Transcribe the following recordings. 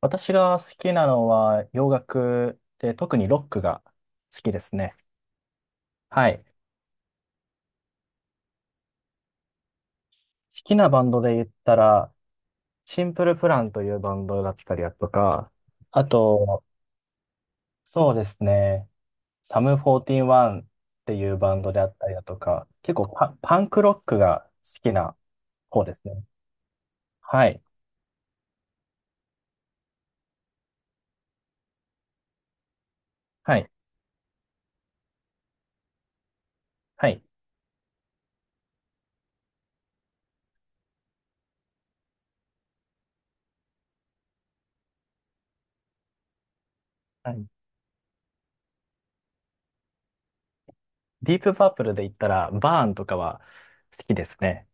私が好きなのは洋楽で、特にロックが好きですね。はい。好きなバンドで言ったら、シンプルプランというバンドだったりだとか、あと、そうですね、サムフォーティーンワンっていうバンドであったりだとか、結構パンクロックが好きな方ですね。はい。はい。はい。はい。ディープパープルで言ったら、バーンとかは好きですね。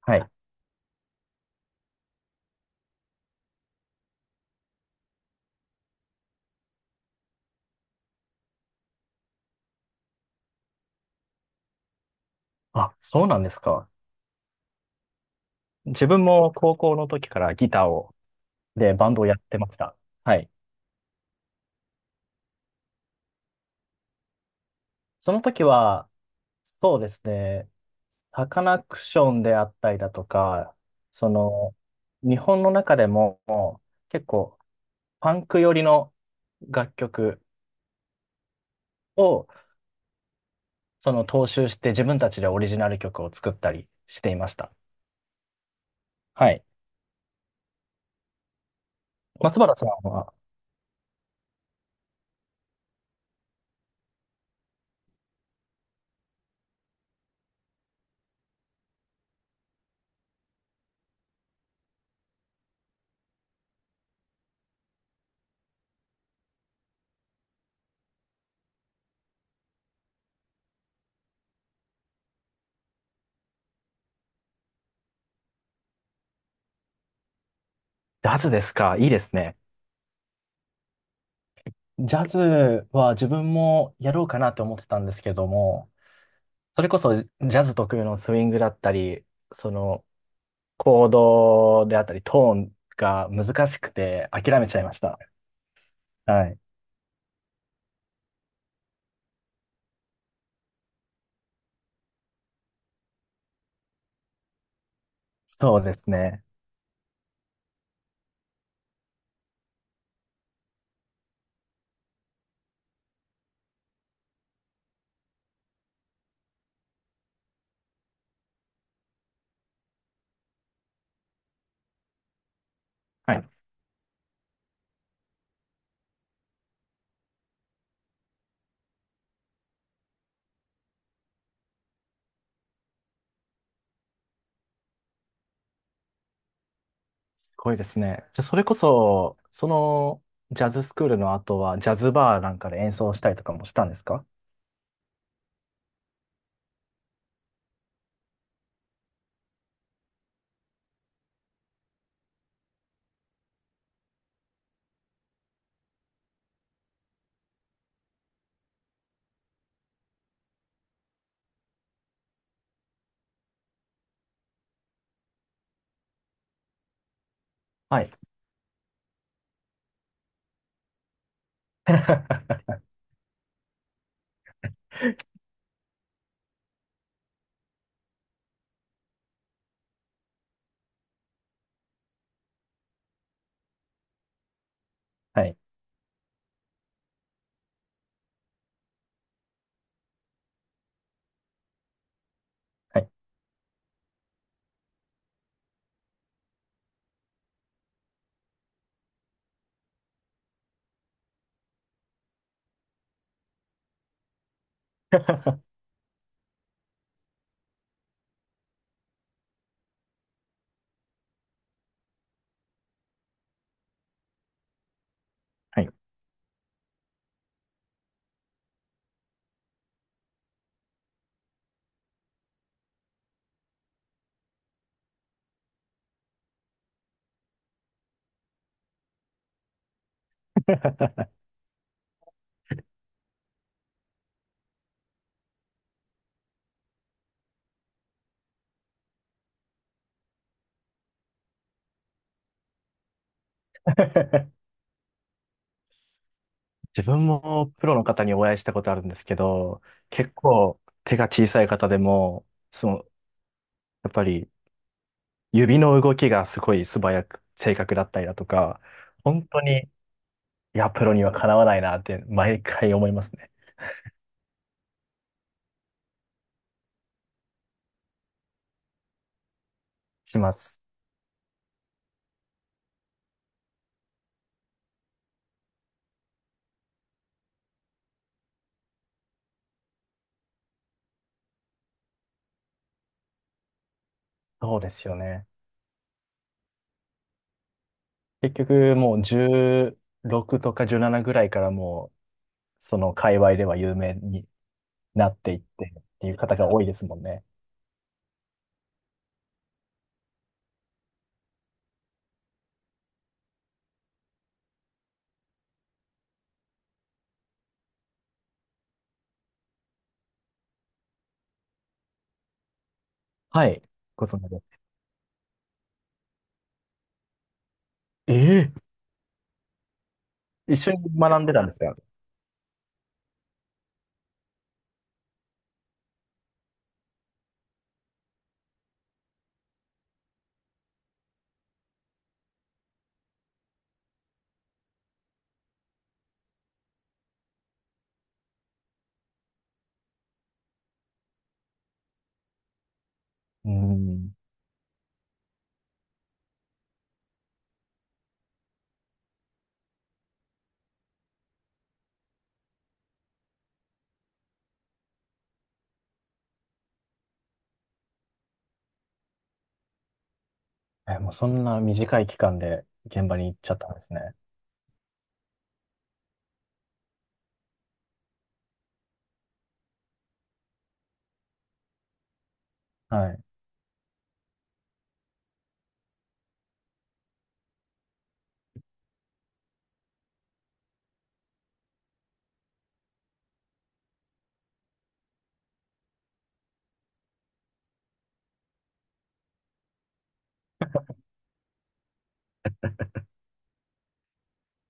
はい。あ、そうなんですか。自分も高校の時からギターを、で、バンドをやってました。はい。その時は、そうですね、サカナクションであったりだとか、その、日本の中でも結構パンク寄りの楽曲をその踏襲して自分たちでオリジナル曲を作ったりしていました。はい。松原さんは、ジャズですか、いいですね。ジャズは自分もやろうかなと思ってたんですけども、それこそジャズ特有のスイングだったり、そのコードであったり、トーンが難しくて諦めちゃいました。はい。そうですね。はい。すごいですね。じゃあ、それこそ、そのジャズスクールの後は、ジャズバーなんかで演奏したりとかもしたんですか？はい。はい。はい。はい。自分もプロの方にお会いしたことあるんですけど、結構手が小さい方でも、その、やっぱり指の動きがすごい素早く、正確だったりだとか、本当に、いや、プロにはかなわないなって毎回思いますね。します。そうですよね。結局もう16とか17ぐらいからもう、その界隈では有名になっていってっていう方が多いですもんね。はい。ご存知です。ええ、一緒に学んでたんですか？うん。え、もうそんな短い期間で現場に行っちゃったんですね。はい。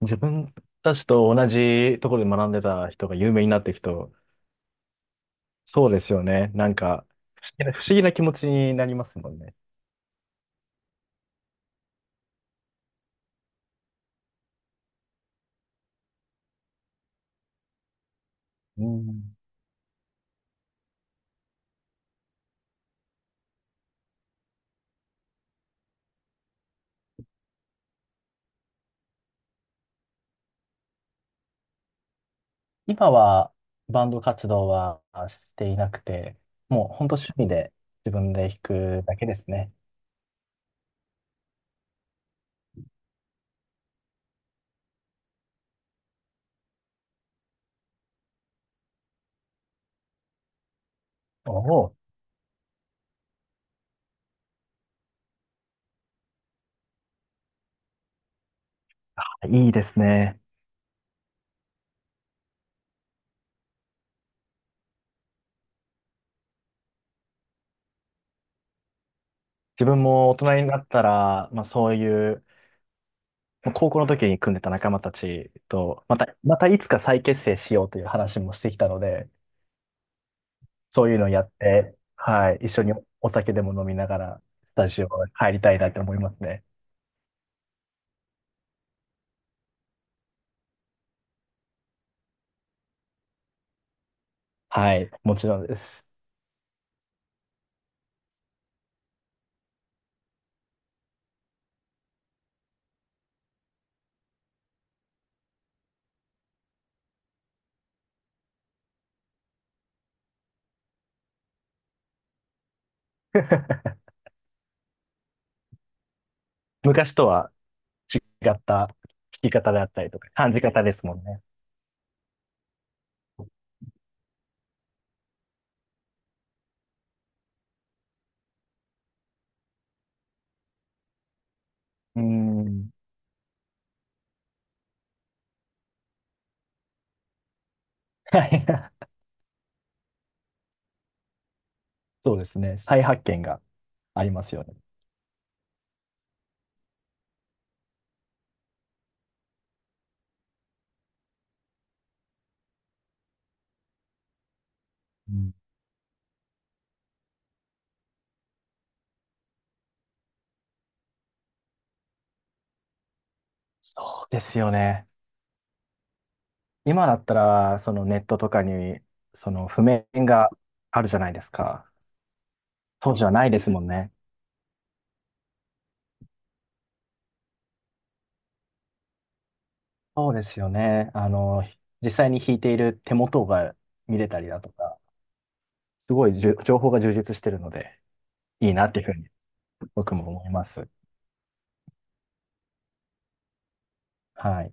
自分たちと同じところで学んでた人が有名になっていくと、そうですよね。なんか、不思議な気持ちになりますもんね。うん、今はバンド活動はしていなくて、もう本当趣味で自分で弾くだけですね。おお、いいですね。自分も大人になったら、まあそういう、まあ高校の時に組んでた仲間たちと、また、またいつか再結成しようという話もしてきたので、そういうのをやって、はい、一緒にお酒でも飲みながら、スタジオ入りたいなって思いますね。はい、もちろんです。昔とは違った聞き方であったりとか、感じ方ですもんね。うん。はい。そうですね。再発見がありますよね。うん、そうですよね。今だったら、そのネットとかに、その譜面があるじゃないですか。当時はないですもんね。そうですよね。あの、実際に弾いている手元が見れたりだとか、すごいじゅ情報が充実してるので、いいなっていうふうに僕も思います。はい。